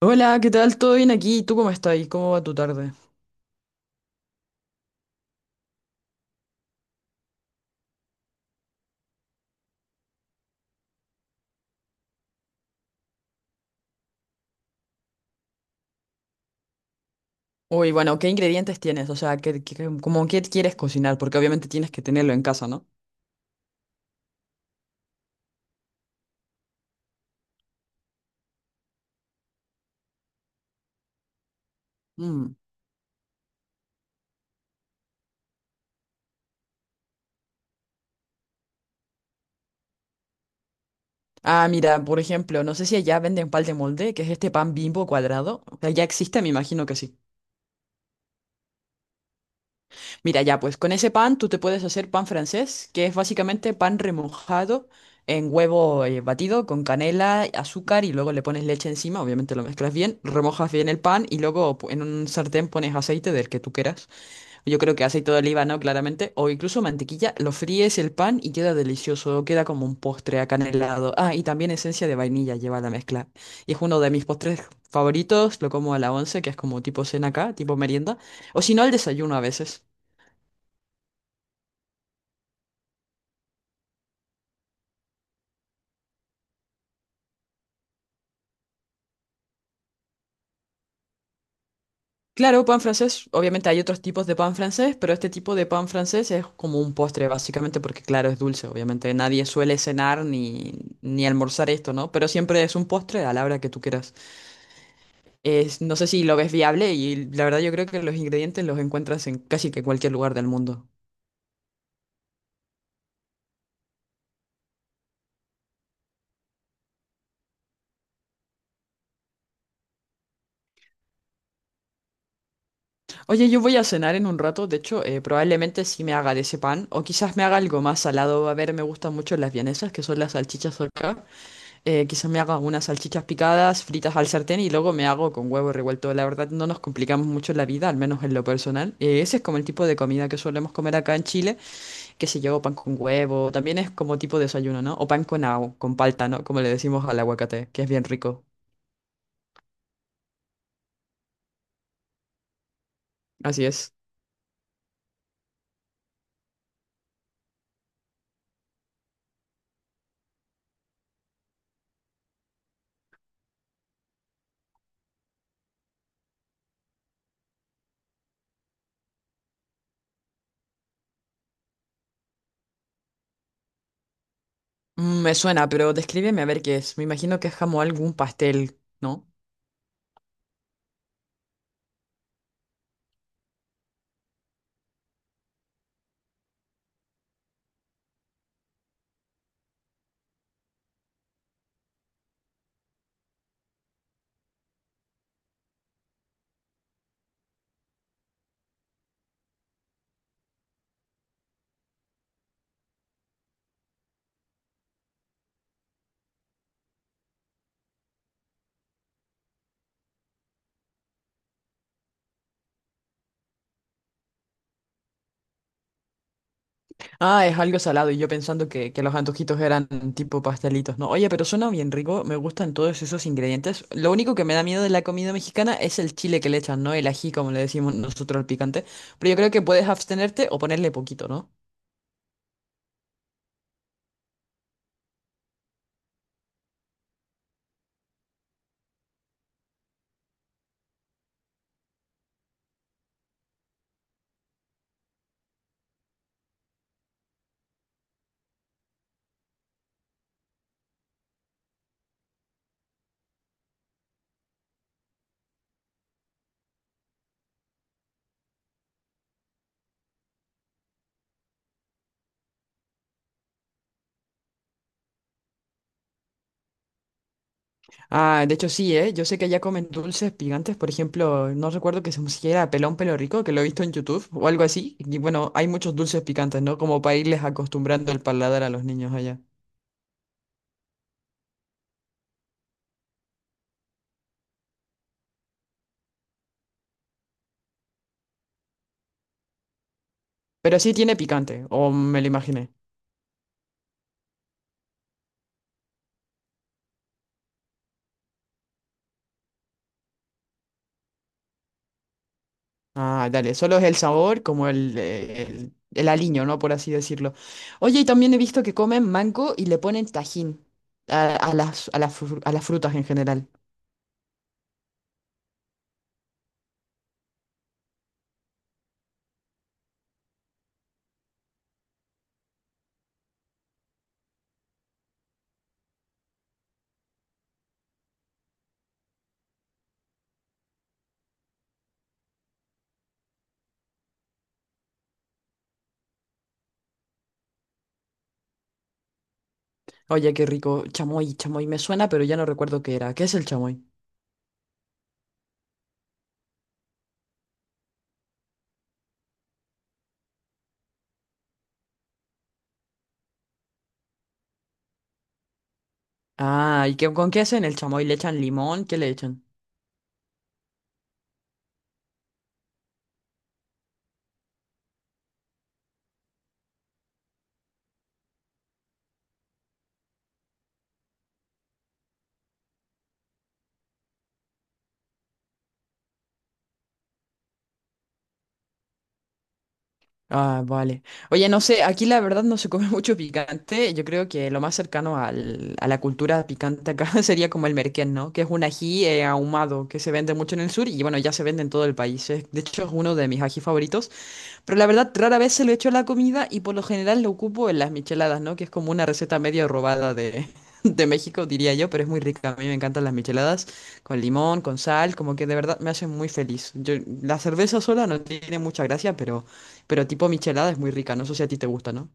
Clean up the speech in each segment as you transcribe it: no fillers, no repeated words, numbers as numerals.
Hola, ¿qué tal? ¿Todo bien aquí? ¿Tú cómo estás? ¿Cómo va tu tarde? Uy, bueno, ¿qué ingredientes tienes? O sea, ¿como qué quieres cocinar? Porque obviamente tienes que tenerlo en casa, ¿no? Mm. Ah, mira, por ejemplo, no sé si allá venden pan de molde, que es este pan bimbo cuadrado. O sea, ya existe, me imagino que sí. Mira, ya, pues con ese pan tú te puedes hacer pan francés, que es básicamente pan remojado en huevo batido con canela, azúcar y luego le pones leche encima, obviamente lo mezclas bien, remojas bien el pan y luego en un sartén pones aceite del que tú quieras. Yo creo que aceite de oliva, ¿no? Claramente. O incluso mantequilla. Lo fríes el pan y queda delicioso. Queda como un postre acanelado. Ah, y también esencia de vainilla lleva la mezcla. Y es uno de mis postres favoritos. Lo como a la once, que es como tipo cena acá, tipo merienda. O si no, al desayuno a veces. Claro, pan francés. Obviamente hay otros tipos de pan francés, pero este tipo de pan francés es como un postre, básicamente, porque claro, es dulce. Obviamente nadie suele cenar ni almorzar esto, ¿no? Pero siempre es un postre a la hora que tú quieras. No sé si lo ves viable y la verdad yo creo que los ingredientes los encuentras en casi que cualquier lugar del mundo. Oye, yo voy a cenar en un rato, de hecho, probablemente sí me haga de ese pan o quizás me haga algo más salado. A ver, me gustan mucho las vienesas, que son las salchichas acá. Quizás me haga unas salchichas picadas, fritas al sartén y luego me hago con huevo revuelto. La verdad no nos complicamos mucho la vida, al menos en lo personal. Ese es como el tipo de comida que solemos comer acá en Chile. Qué sé yo, pan con huevo, también es como tipo de desayuno, ¿no? O pan con agua, con palta, ¿no? Como le decimos al aguacate, que es bien rico. Así es. Mm, me suena, pero descríbeme a ver qué es. Me imagino que es como algún pastel, ¿no? Ah, es algo salado y yo pensando que los antojitos eran tipo pastelitos, ¿no? Oye, pero suena bien rico, me gustan todos esos ingredientes. Lo único que me da miedo de la comida mexicana es el chile que le echan, ¿no? El ají, como le decimos nosotros al picante. Pero yo creo que puedes abstenerte o ponerle poquito, ¿no? Ah, de hecho sí, ¿eh? Yo sé que allá comen dulces picantes, por ejemplo, no recuerdo que se pusiera pelón pelo rico, que lo he visto en YouTube o algo así. Y bueno, hay muchos dulces picantes, ¿no? Como para irles acostumbrando el paladar a los niños allá. Pero sí tiene picante, o me lo imaginé. Ah, dale, solo es el sabor, como el aliño, ¿no? Por así decirlo. Oye, y también he visto que comen mango y le ponen tajín a las a las frutas en general. Oye, qué rico. Chamoy, chamoy, me suena, pero ya no recuerdo qué era. ¿Qué es el chamoy? Ah, ¿y qué, con qué hacen el chamoy? ¿Le echan limón? ¿Qué le echan? Ah, vale. Oye, no sé, aquí la verdad no se come mucho picante. Yo creo que lo más cercano a la cultura picante acá sería como el merquén, ¿no? Que es un ají ahumado que se vende mucho en el sur y bueno, ya se vende en todo el país. De hecho, es uno de mis ají favoritos. Pero la verdad, rara vez se lo echo a la comida y por lo general lo ocupo en las micheladas, ¿no? Que es como una receta medio robada de, de México, diría yo, pero es muy rica. A mí me encantan las micheladas con limón, con sal, como que de verdad me hacen muy feliz. Yo, la cerveza sola no tiene mucha gracia, pero tipo michelada es muy rica. No sé si a ti te gusta, ¿no?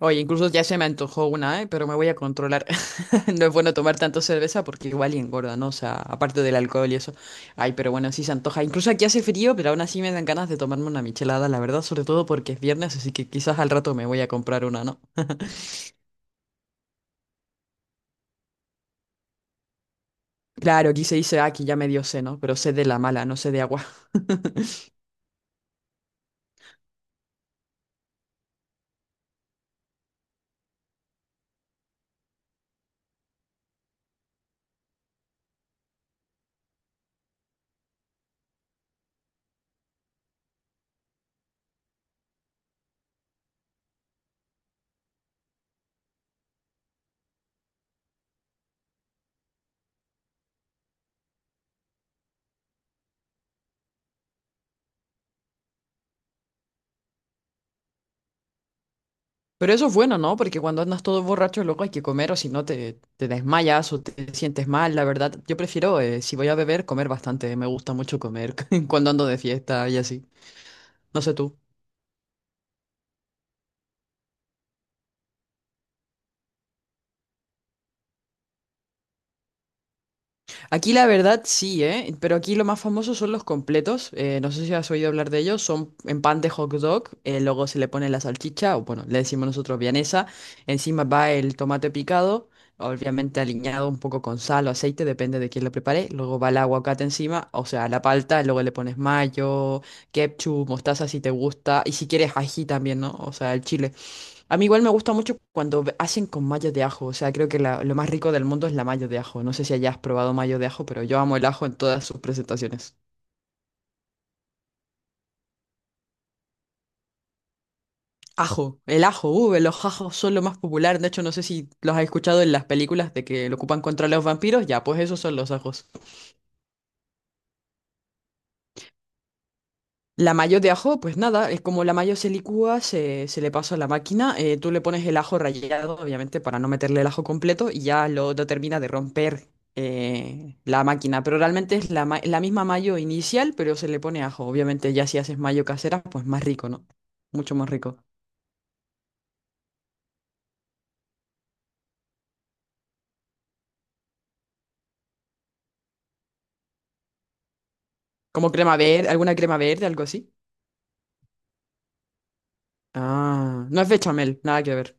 Oye, incluso ya se me antojó una, ¿eh? Pero me voy a controlar. No es bueno tomar tanto cerveza porque igual y engorda, ¿no? O sea, aparte del alcohol y eso. Ay, pero bueno, sí se antoja. Incluso aquí hace frío, pero aún así me dan ganas de tomarme una michelada, la verdad, sobre todo porque es viernes, así que quizás al rato me voy a comprar una, ¿no? Claro, aquí se dice, ah, aquí ya me dio sed, ¿no? Pero sed de la mala, no sed de agua. Pero eso es bueno, ¿no? Porque cuando andas todo borracho, luego hay que comer o si no te desmayas o te sientes mal, la verdad. Yo prefiero, si voy a beber, comer bastante. Me gusta mucho comer cuando ando de fiesta y así. No sé tú. Aquí la verdad sí, ¿eh? Pero aquí lo más famoso son los completos. No sé si has oído hablar de ellos. Son en pan de hot dog. Luego se le pone la salchicha, o bueno, le decimos nosotros vienesa. Encima va el tomate picado, obviamente aliñado un poco con sal o aceite, depende de quién lo prepare. Luego va el aguacate encima, o sea, la palta. Luego le pones mayo, ketchup, mostaza si te gusta. Y si quieres ají también, ¿no? O sea, el chile. A mí igual me gusta mucho cuando hacen con mayo de ajo, o sea, creo que lo más rico del mundo es la mayo de ajo. No sé si hayas probado mayo de ajo, pero yo amo el ajo en todas sus presentaciones. Ajo, el ajo, los ajos son lo más popular, de hecho no sé si los has escuchado en las películas de que lo ocupan contra los vampiros, ya, pues esos son los ajos. La mayo de ajo, pues nada, es como la mayo se licúa, se le pasa a la máquina, tú le pones el ajo rallado, obviamente, para no meterle el ajo completo, y ya lo termina de romper la máquina. Pero realmente es la misma mayo inicial, pero se le pone ajo. Obviamente, ya si haces mayo casera, pues más rico, ¿no? Mucho más rico. Como crema verde, alguna crema verde, algo así. Ah, no es bechamel, nada que ver.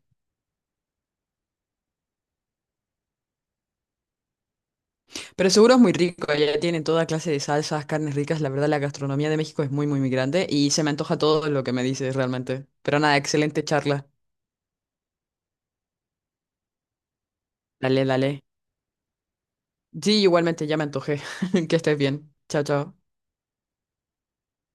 Pero seguro es muy rico, allá tienen toda clase de salsas, carnes ricas, la verdad la gastronomía de México es muy, muy, muy grande y se me antoja todo lo que me dices realmente. Pero nada, excelente charla. Dale, dale. Sí, igualmente, ya me antojé. Que estés bien. Chao, chao.